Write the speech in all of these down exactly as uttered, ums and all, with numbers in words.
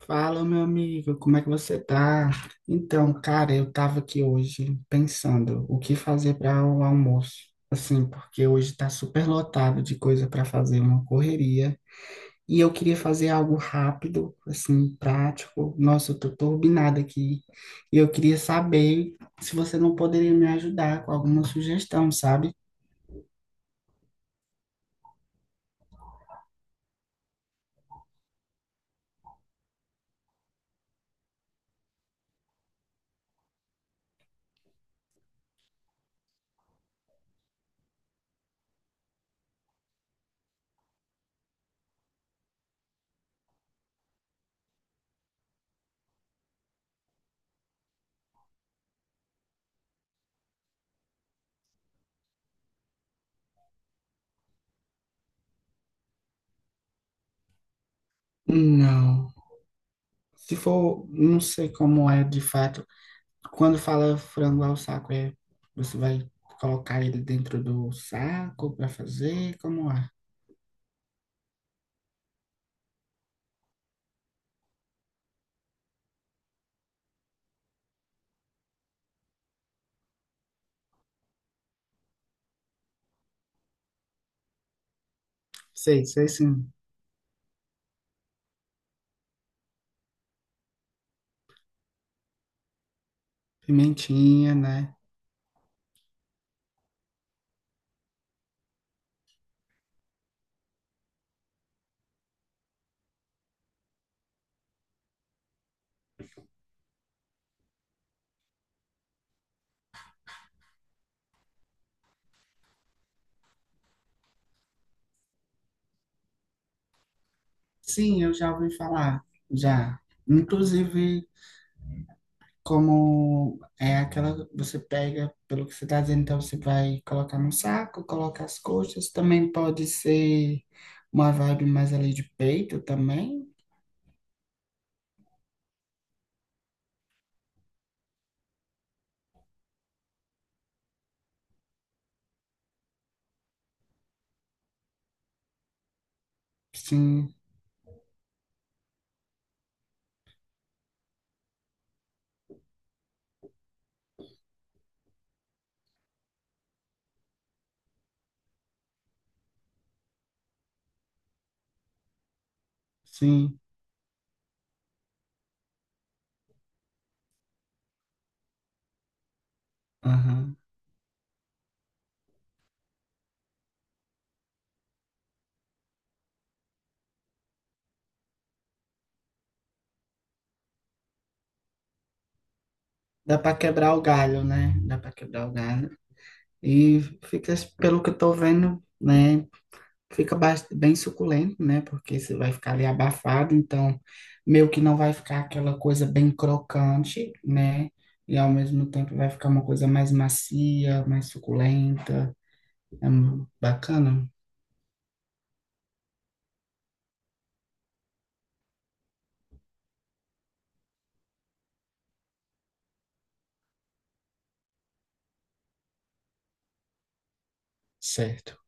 Fala, meu amigo, como é que você tá? Então, cara, eu tava aqui hoje pensando o que fazer para o almoço. Assim, porque hoje tá super lotado de coisa para fazer, uma correria. E eu queria fazer algo rápido, assim, prático. Nossa, eu tô turbinada aqui. E eu queria saber se você não poderia me ajudar com alguma sugestão, sabe? Não. Se for, não sei como é de fato. Quando fala frango ao saco, é, você vai colocar ele dentro do saco para fazer? Como é? Sei, sei sim. Pimentinha, né? Sim, eu já ouvi falar, já. Inclusive, como é aquela, você pega, pelo que você está dizendo, então você vai colocar no saco, coloca as coxas, também pode ser uma vibe mais ali de peito também. Sim, sim. Aham. Dá para quebrar o galho, né? Dá para quebrar o galho. E fica, pelo que eu tô vendo, né? Fica bas- bem suculento, né? Porque você vai ficar ali abafado, então meio que não vai ficar aquela coisa bem crocante, né? E ao mesmo tempo vai ficar uma coisa mais macia, mais suculenta. É mu- bacana? Certo.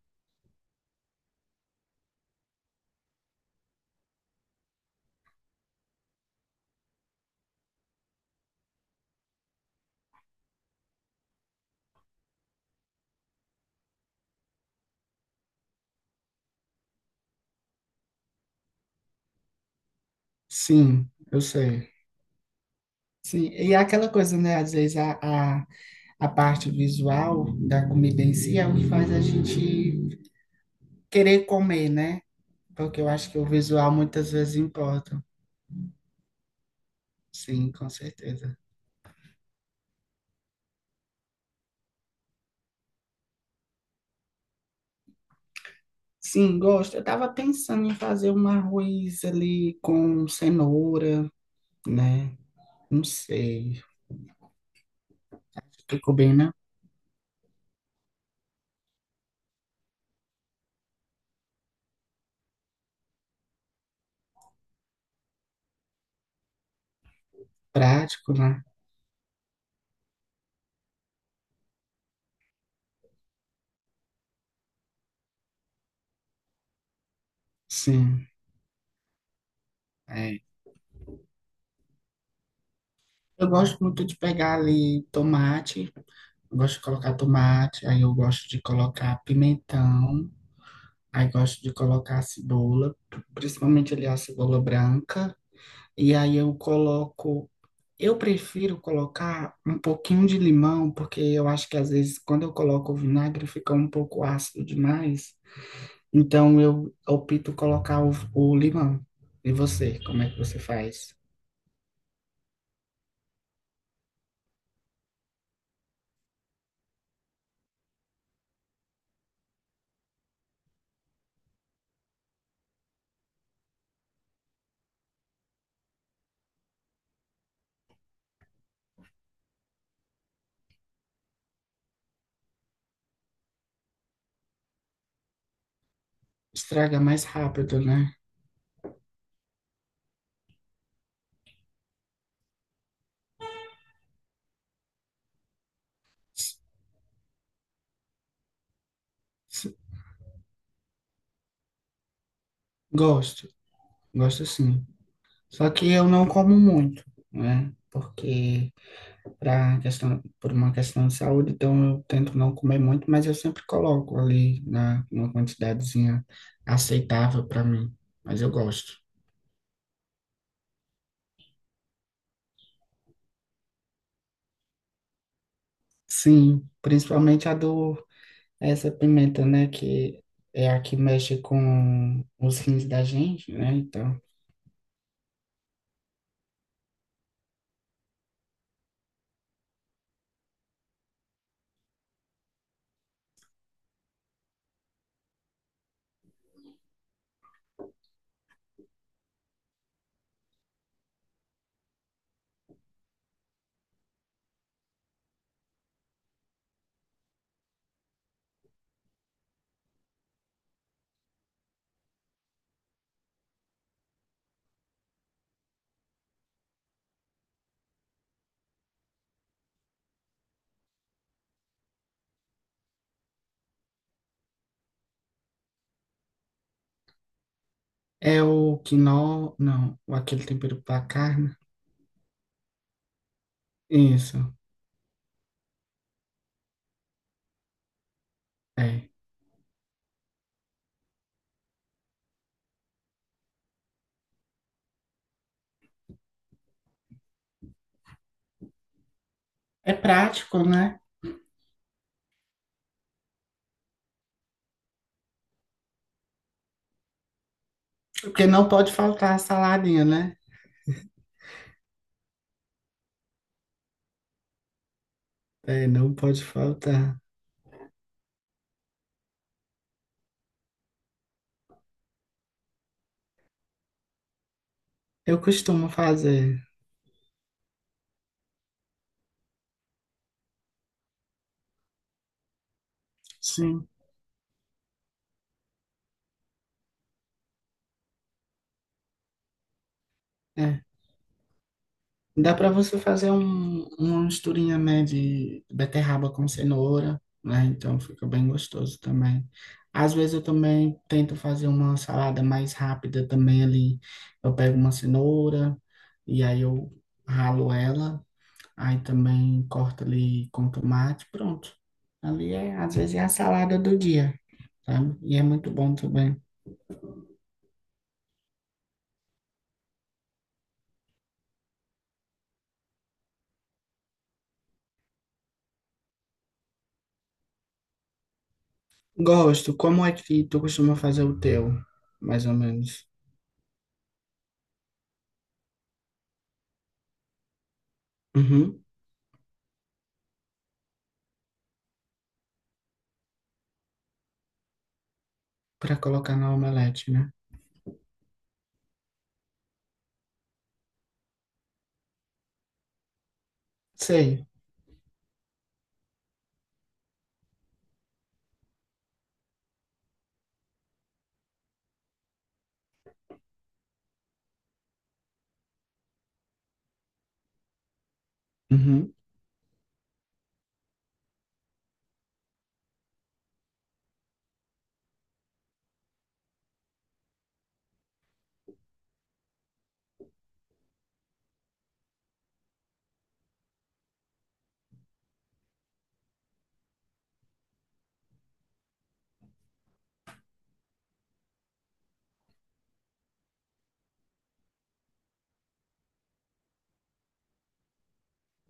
Sim, eu sei. Sim, e é aquela coisa, né? Às vezes a, a, a parte visual da comida em si é o que faz a gente querer comer, né? Porque eu acho que o visual muitas vezes importa. Sim, com certeza. Sim, gosto. Eu estava pensando em fazer um arroz ali com cenoura, né? Não sei. Ficou bem, né? Prático, né? Sim. É. Eu gosto muito de pegar ali tomate. Eu gosto de colocar tomate. Aí eu gosto de colocar pimentão. Aí gosto de colocar cebola, principalmente ali a cebola branca. E aí eu coloco, eu prefiro colocar um pouquinho de limão, porque eu acho que às vezes quando eu coloco o vinagre fica um pouco ácido demais. Então eu opto colocar o, o limão. E você, como é que você faz? Estraga mais rápido, né? S- s- Gosto, gosto sim. Só que eu não como muito, né? Porque para questão, por uma questão de saúde, então eu tento não comer muito, mas eu sempre coloco ali na, uma quantidadezinha aceitável para mim, mas eu gosto. Sim, principalmente a do, essa pimenta, né, que é a que mexe com os rins da gente, né, então. É o quinó, não, o aquele tempero para carne. Isso, é. É prático, né? Porque não pode faltar a saladinha, né? É, não pode faltar. Eu costumo fazer. Sim, é. Dá para você fazer um, uma misturinha, né, de beterraba com cenoura, né? Então fica bem gostoso também. Às vezes eu também tento fazer uma salada mais rápida também ali. Eu pego uma cenoura e aí eu ralo ela, aí também corto ali com tomate, pronto. Ali é, às vezes é a salada do dia, sabe? E é muito bom também. Gosto. Como é que tu costuma fazer o teu, mais ou menos? Uhum. Para colocar na omelete, né? Sei. Uhum.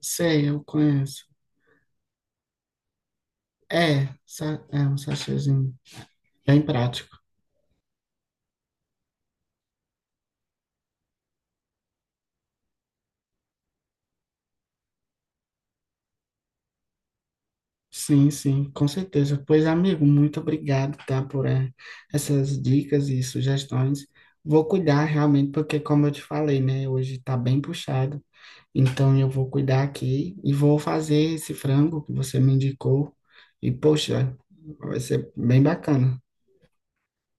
Sei, eu conheço. É, sa- é um sachêzinho. Bem prático. Sim, sim, com certeza. Pois, amigo, muito obrigado, tá, por eh, essas dicas e sugestões. Vou cuidar realmente, porque como eu te falei, né, hoje tá bem puxado. Então eu vou cuidar aqui e vou fazer esse frango que você me indicou. E, poxa, vai ser bem bacana.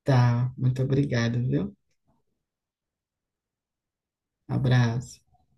Tá, muito obrigado, viu? Abraço.